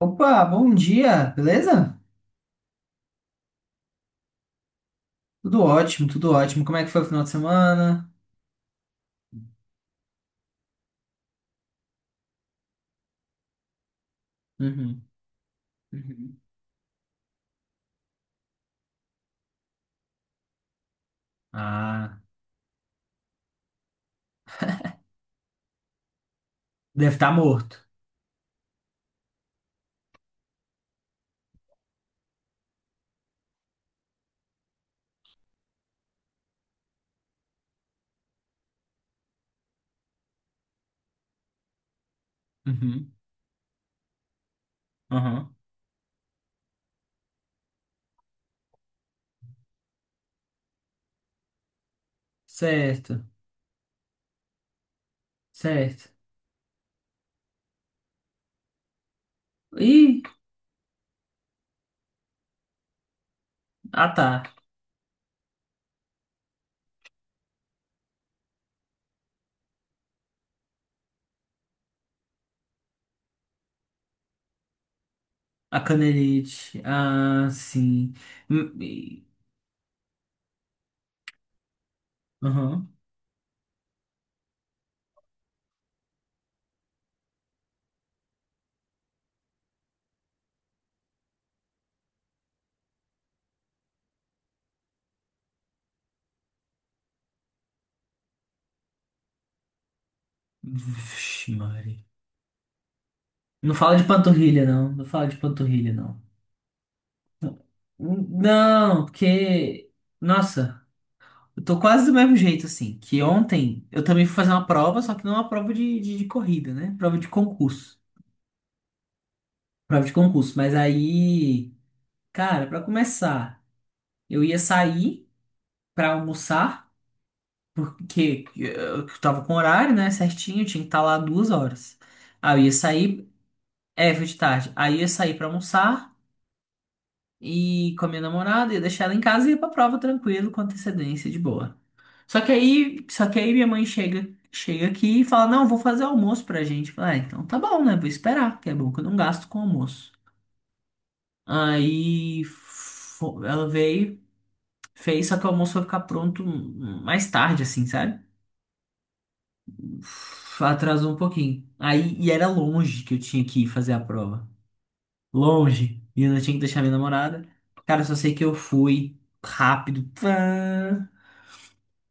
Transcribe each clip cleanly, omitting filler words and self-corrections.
Opa, bom dia, beleza? Tudo ótimo, tudo ótimo. Como é que foi o final de semana? Uhum, uhum. Ah, deve estar morto. Uhum, uhum. Certo, certo. Ih, ah tá. A canelite. Ah, sim. Hum, e- Uhum. Vixe, Mari. Não fala de panturrilha, não. Não fala de panturrilha, não. Não, porque. Nossa. Eu tô quase do mesmo jeito, assim. Que ontem eu também fui fazer uma prova, só que não é uma prova de corrida, né? Prova de concurso. Prova de concurso. Mas aí, cara, pra começar, eu ia sair pra almoçar, porque eu tava com horário, né? Certinho, tinha que estar lá 2h. Aí eu ia sair, é, foi de tarde. Aí eu ia sair pra almoçar e com a minha namorada, ia deixar ela em casa e ia pra prova tranquilo, com antecedência, de boa. Só que aí, minha mãe chega, chega aqui e fala: "Não, vou fazer almoço pra gente". Eu falo, ah, então tá bom, né? Vou esperar, que é bom que eu não gasto com almoço. Aí ela veio, fez, só que o almoço vai ficar pronto mais tarde assim, sabe? Atrasou um pouquinho. Aí e era longe que eu tinha que ir fazer a prova. Longe. E eu não tinha que deixar minha namorada. Cara, eu só sei que eu fui rápido. Pã.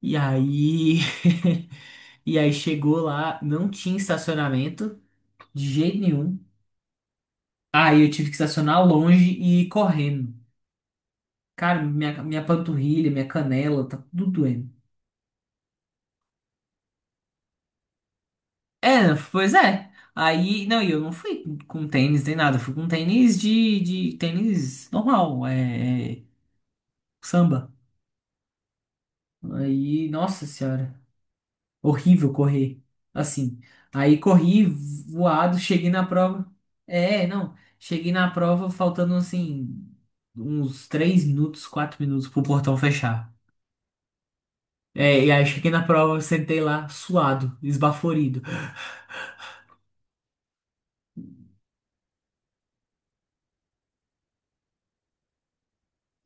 E aí E aí chegou lá, não tinha estacionamento. De jeito nenhum. Aí eu tive que estacionar longe e ir correndo. Cara, minha panturrilha, minha canela, tá tudo doendo. É, pois é. Aí, não, e eu não fui com tênis nem nada. Eu fui com tênis de tênis normal, samba. Aí, nossa senhora, horrível correr. Assim. Aí corri voado, cheguei na prova. É, não. Cheguei na prova faltando assim, uns 3 minutos, 4 minutos pro portão fechar. É, e aí cheguei na prova, sentei lá, suado, esbaforido.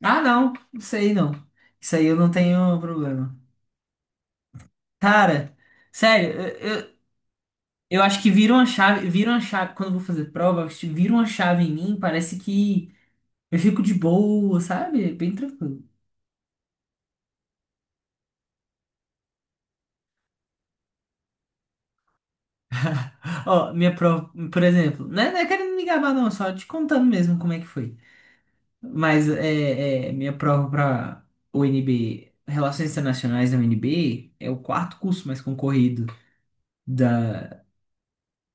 Ah, não, isso aí não. Isso aí eu não tenho problema. Cara, sério, eu, eu, eu acho que vira uma chave, quando eu vou fazer prova, acho que vira uma chave em mim, parece que eu fico de boa, sabe? Bem tranquilo. Ó, minha prova, por exemplo, não é querendo me gabar não, só te contando mesmo como é que foi. Mas minha prova pra UNB, Relações Internacionais da UNB, é o quarto curso mais concorrido. da,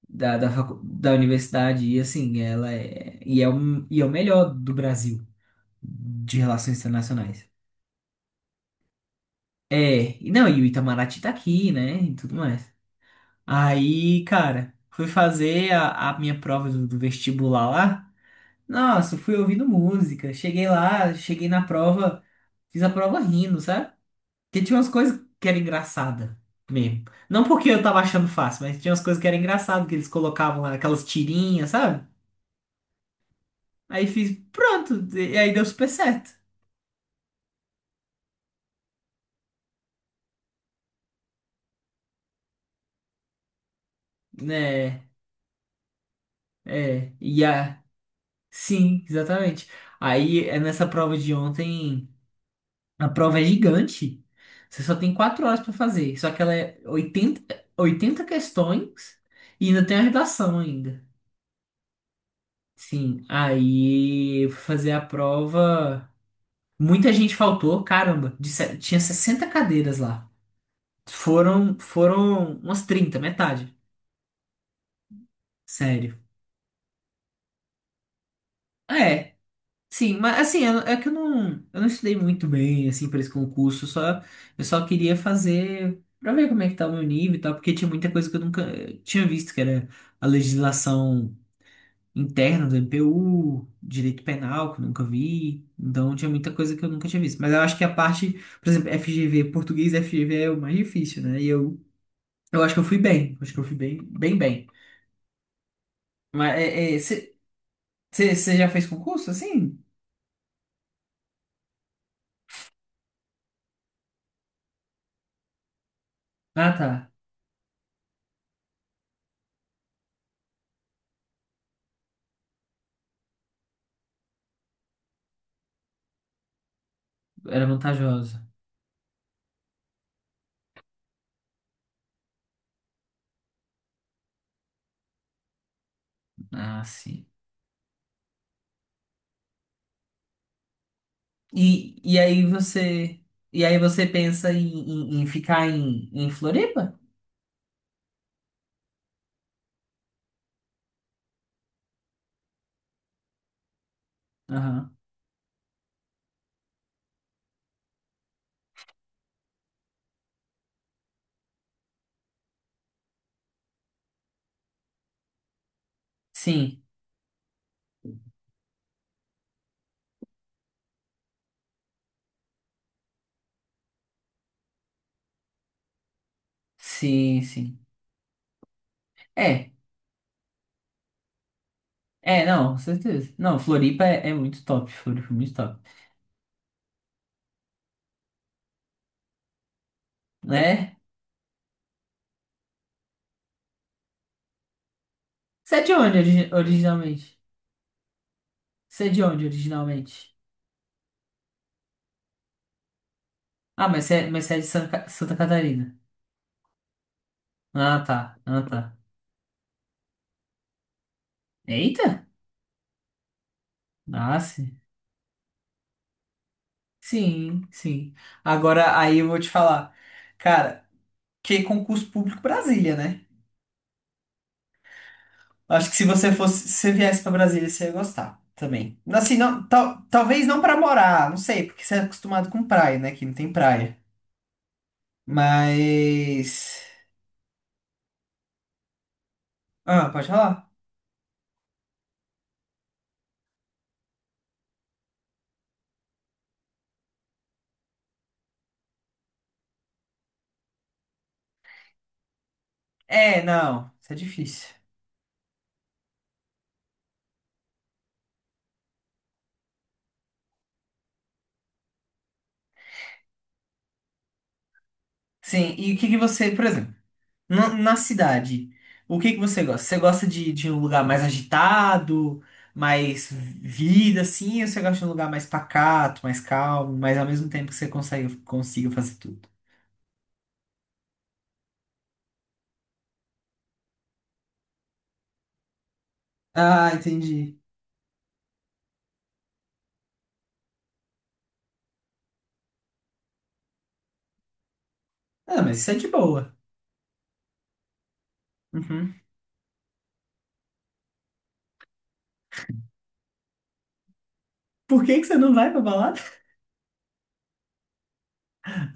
da universidade e assim, ela é o melhor do Brasil de relações internacionais. É, e não, e o Itamaraty tá aqui, né, e tudo mais. Aí, cara, fui fazer a minha prova do vestibular lá. Nossa, fui ouvindo música. Cheguei lá, cheguei na prova, fiz a prova rindo, sabe? Porque tinha umas coisas que era engraçada mesmo. Não porque eu tava achando fácil, mas tinha umas coisas que era engraçado que eles colocavam lá, aquelas tirinhas, sabe? Aí fiz, pronto, e aí deu super certo, né? É, sim, exatamente. Aí é nessa prova de ontem, a prova é gigante. Você só tem 4 horas para fazer, só que ela é oitenta questões e ainda tem a redação ainda. Sim, aí eu fui fazer a prova. Muita gente faltou, caramba, de se- tinha 60 cadeiras lá. Foram umas 30 metade. Sério. É, sim, mas assim, é que eu não estudei muito bem, assim, para esse concurso, só, eu só queria fazer para ver como é que tá o meu nível e tal, porque tinha muita coisa que eu nunca tinha visto, que era a legislação interna do MPU, direito penal, que eu nunca vi, então tinha muita coisa que eu nunca tinha visto. Mas eu acho que a parte, por exemplo, FGV, português FGV é o mais difícil, né? E eu acho que eu fui bem, acho que eu fui bem, bem, bem. Mas você já fez concurso, assim? Ah, tá, era vantajosa. Ah, sim. E aí você. E aí você pensa em, em ficar em Floripa? Aham. Sim, sim, sim. É, não, com certeza. Não, Floripa é muito top. Floripa é muito top. Né? Você é de onde originalmente? Você é de onde originalmente? Ah, mas você é de Santa Catarina. Ah, tá. Ah, tá. Eita! Ah, sim. Sim, sim. Agora aí eu vou te falar. Cara, que concurso público Brasília, né? Acho que se você fosse, se você viesse pra Brasília, você ia gostar também. Assim, não, talvez não pra morar, não sei, porque você é acostumado com praia, né? Aqui não tem praia. Mas. Ah, pode falar? É, não, isso é difícil. Sim, e o que que você, por exemplo, na cidade, o que que você gosta? Você gosta de um lugar mais agitado, mais vida, assim, ou você gosta de um lugar mais pacato, mais calmo, mas ao mesmo tempo que você consegue, consiga fazer tudo? Ah, entendi. Ah, mas isso é de boa. Uhum. Por que que você não vai pra balada?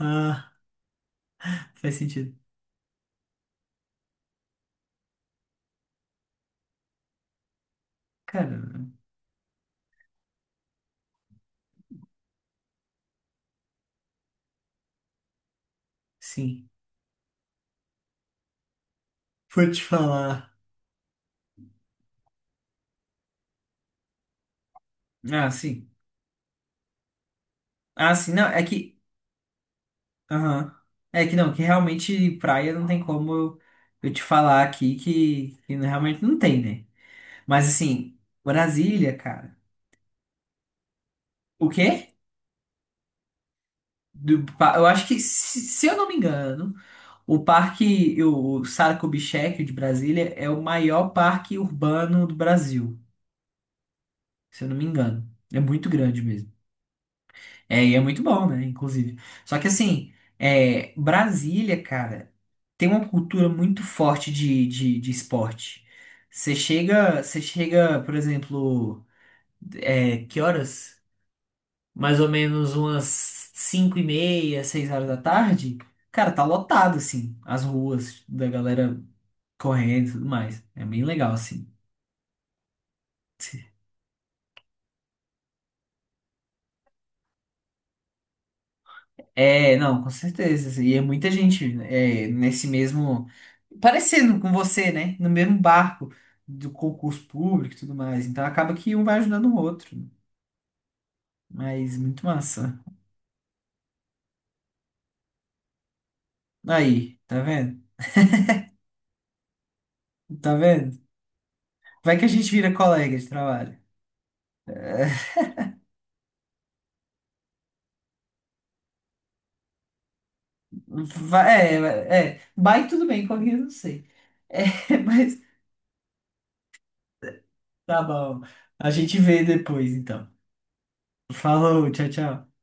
Ah, faz sentido. Cara, sim. Vou te falar. Ah, sim. Ah, sim. Não, é que. Aham. É que não, que realmente praia não tem como eu te falar aqui que não- realmente não tem, né? Mas assim, Brasília, cara. O quê? Eu acho que, se eu não me engano, o parque, o Saco-Bichec de Brasília é o maior parque urbano do Brasil. Se eu não me engano. É muito grande mesmo. É, e é muito bom, né? Inclusive. Só que assim, é, Brasília, cara, tem uma cultura muito forte de esporte. Você chega, por exemplo, que horas? Mais ou menos umas 5h30, 6h da tarde. Cara, tá lotado, assim, as ruas da galera correndo e tudo mais. É bem legal, assim. É, não, com certeza, assim. E é muita gente nesse mesmo. Parecendo com você, né? No mesmo barco do concurso público e tudo mais. Então acaba que um vai ajudando o outro. Mas muito massa. Aí, tá vendo? Tá vendo? Vai que a gente vira colega de trabalho. Vai, é, é. Bike tudo bem, colega eu não sei. É, mas tá bom. A gente vê depois, então. Falou, tchau, tchau.